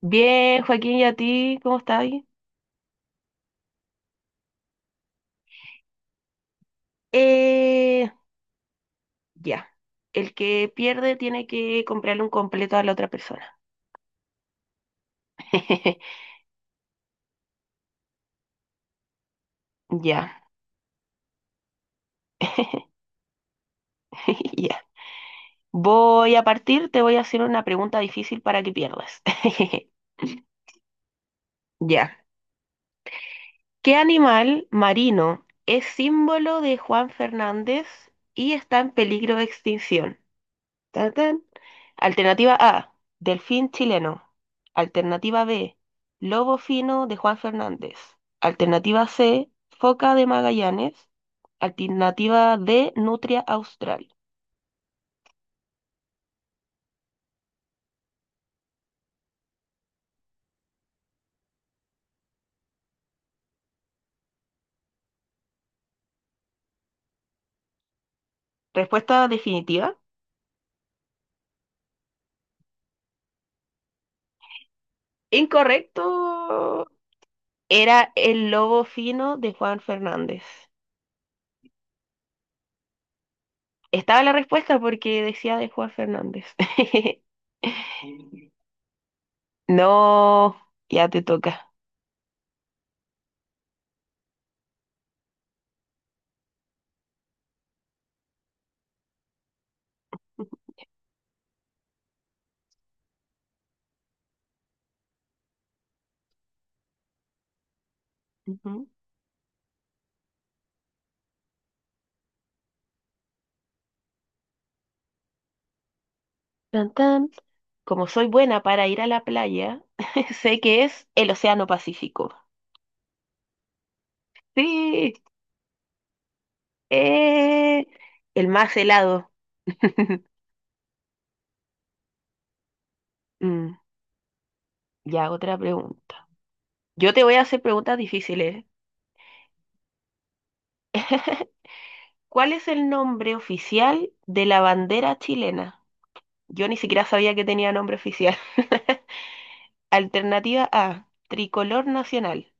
Bien, Joaquín, ¿y a ti? ¿Cómo estás? Eh, ya. El que pierde tiene que comprarle un completo a la otra persona. Ya. Ya. Voy a partir, te voy a hacer una pregunta difícil para que pierdas. Ya. ¿Qué animal marino es símbolo de Juan Fernández y está en peligro de extinción? Tan, tan. Alternativa A, delfín chileno. Alternativa B, lobo fino de Juan Fernández. Alternativa C, foca de Magallanes. Alternativa D, nutria austral. Respuesta definitiva. Incorrecto. Era el lobo fino de Juan Fernández. Estaba la respuesta porque decía de Juan Fernández. No, ya te toca. Ujú. Tan, tan. Como soy buena para ir a la playa, sé que es el Océano Pacífico. Sí, eh, el más helado. Mm, ya, otra pregunta. Yo te voy a hacer preguntas difíciles. ¿Eh? ¿Cuál es el nombre oficial de la bandera chilena? Yo ni siquiera sabía que tenía nombre oficial. Alternativa A, tricolor nacional.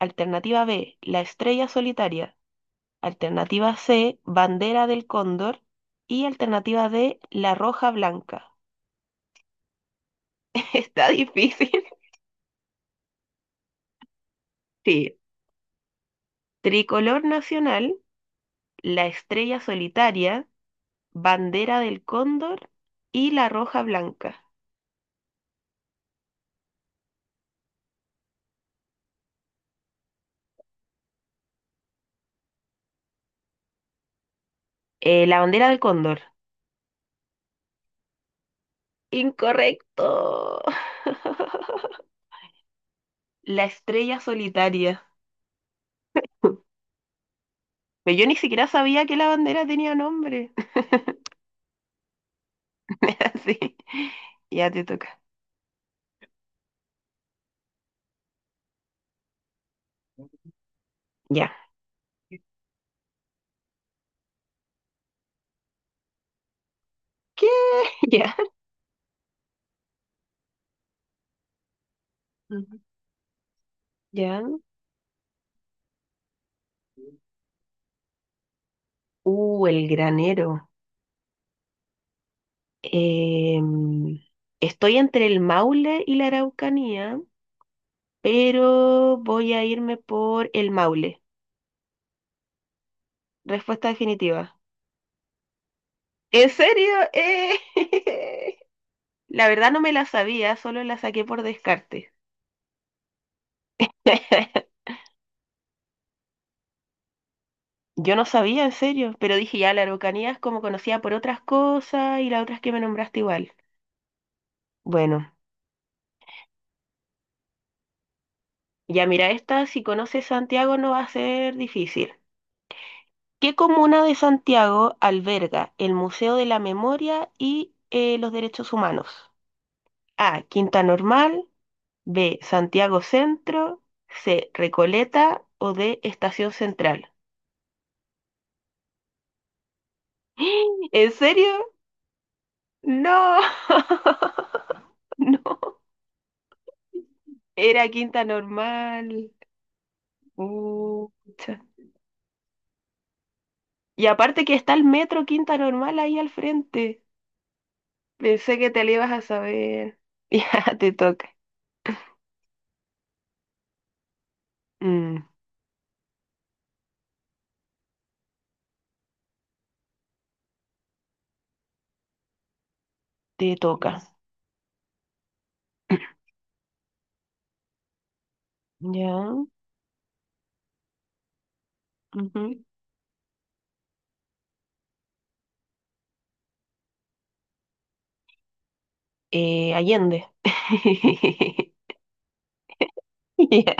Alternativa B, la estrella solitaria. Alternativa C, bandera del cóndor. Y alternativa D, la roja blanca. Está difícil. Sí. Tricolor nacional, la estrella solitaria, bandera del cóndor y la roja blanca. La bandera del cóndor. Incorrecto. La estrella solitaria. Pero yo ni siquiera sabía que la bandera tenía nombre. Sí. Ya te toca. Ya. ¿Qué? Ya. Ujú. Ya. El granero. Em, estoy entre el Maule y la Araucanía, pero voy a irme por el Maule. Respuesta definitiva. ¿En serio? ¡Eh! La verdad no me la sabía, solo la saqué por descarte. Yo no sabía, en serio, pero dije ya, la Araucanía es como conocida por otras cosas y las otras que me nombraste igual. Bueno, ya mira, esta, si conoces Santiago no va a ser difícil. ¿Qué comuna de Santiago alberga el Museo de la Memoria y los Derechos Humanos? A. Quinta Normal. B. Santiago Centro. C. Recoleta. O D. Estación Central. ¿En serio? No. No. Era Quinta Normal. Pucha. Y aparte que está el metro Quinta Normal ahí al frente. Pensé que te lo ibas a saber. Ya, te toca. Mm, te toca. Ya. Ujú. Allende. Ya.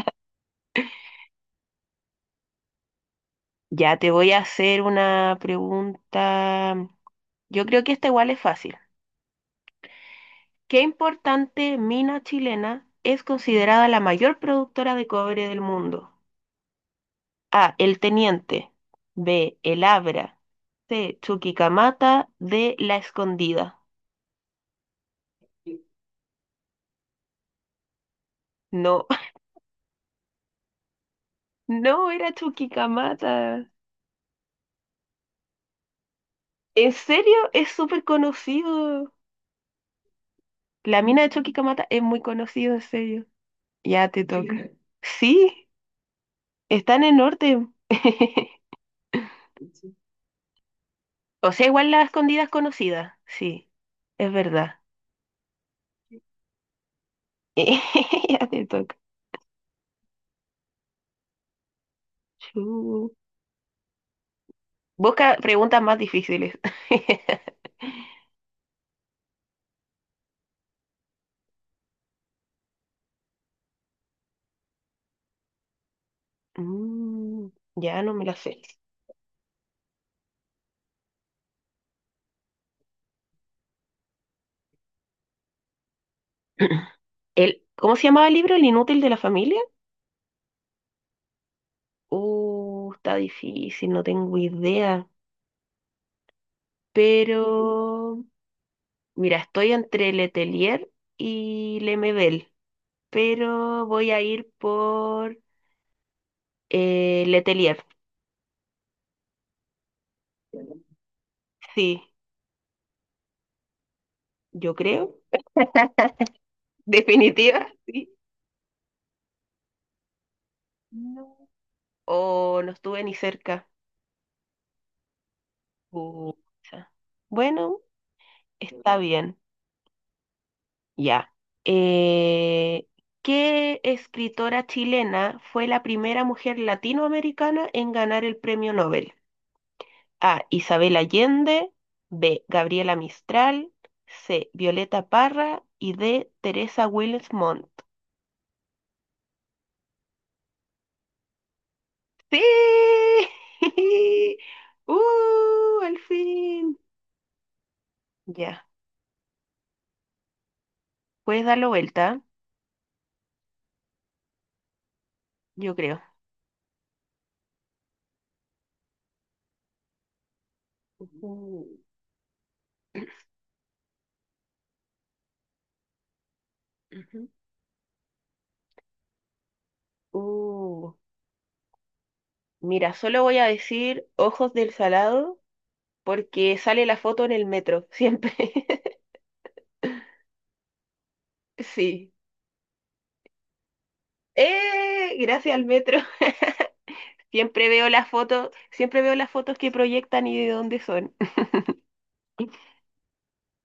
Ya te voy a hacer una pregunta. Yo creo que esta igual es fácil. ¿Qué importante mina chilena es considerada la mayor productora de cobre del mundo? A. El Teniente. B. El Abra. C. Chuquicamata. D. La Escondida. No, no era Chuquicamata. ¿En serio? Es súper conocido. La mina de Chuquicamata es muy conocida, en serio. Ya te toca. Sí. Sí, está en el norte. O sea, igual la escondida es conocida. Sí, es verdad. Ya te toca. Chu. Busca preguntas más difíciles. Mm, ya no me las sé. El, ¿cómo se llamaba el libro? ¿El inútil de la familia? Está difícil, no tengo idea. Pero, mira, estoy entre Letelier y Lemebel. Pero voy a ir por Letelier. Sí, yo creo. Definitiva, sí. No. O no estuve ni cerca. Pucha. Bueno, está bien. Ya. Eh, ¿Qué escritora chilena fue la primera mujer latinoamericana en ganar el premio Nobel? A. Isabel Allende. B. Gabriela Mistral. C. Violeta Parra. Y D. Teresa Wills. Sí. Al fin. Ya, puedes darlo vuelta, yo creo. Ujú. Ujú. Uh, mira, solo voy a decir ojos del salado porque sale la foto en el metro, siempre. Sí. Gracias al metro. Siempre veo las fotos, siempre veo las fotos que proyectan y de dónde son.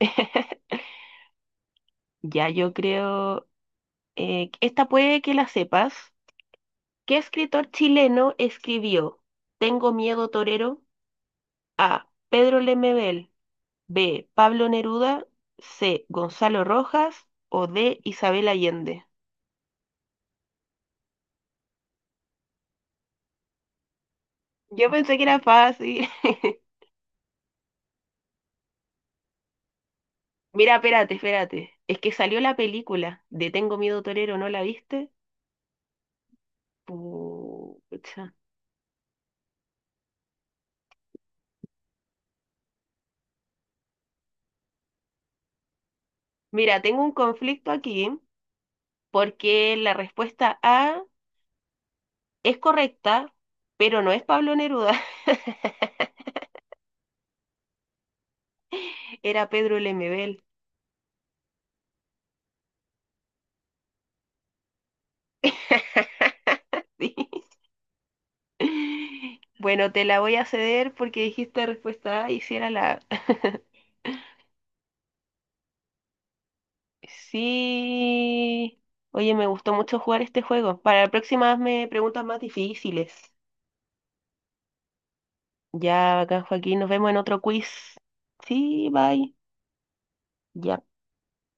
Ya, yo creo, esta puede que la sepas. ¿Qué escritor chileno escribió Tengo miedo torero? A. Pedro Lemebel. B. Pablo Neruda. C. Gonzalo Rojas. O D. Isabel Allende. Yo pensé que era fácil. Mira, espérate, espérate. Es que salió la película de Tengo miedo torero, ¿no la viste? Pucha. Mira, tengo un conflicto aquí porque la respuesta A es correcta, pero no es Pablo Neruda, era Pedro Lemebel. Sí. Bueno, te la voy a ceder porque dijiste respuesta A y si era la A. Sí. Oye, me gustó mucho jugar este juego. Para la próxima hazme preguntas más difíciles. Ya, acá, Joaquín, nos vemos en otro quiz. Sí, bye. Ya.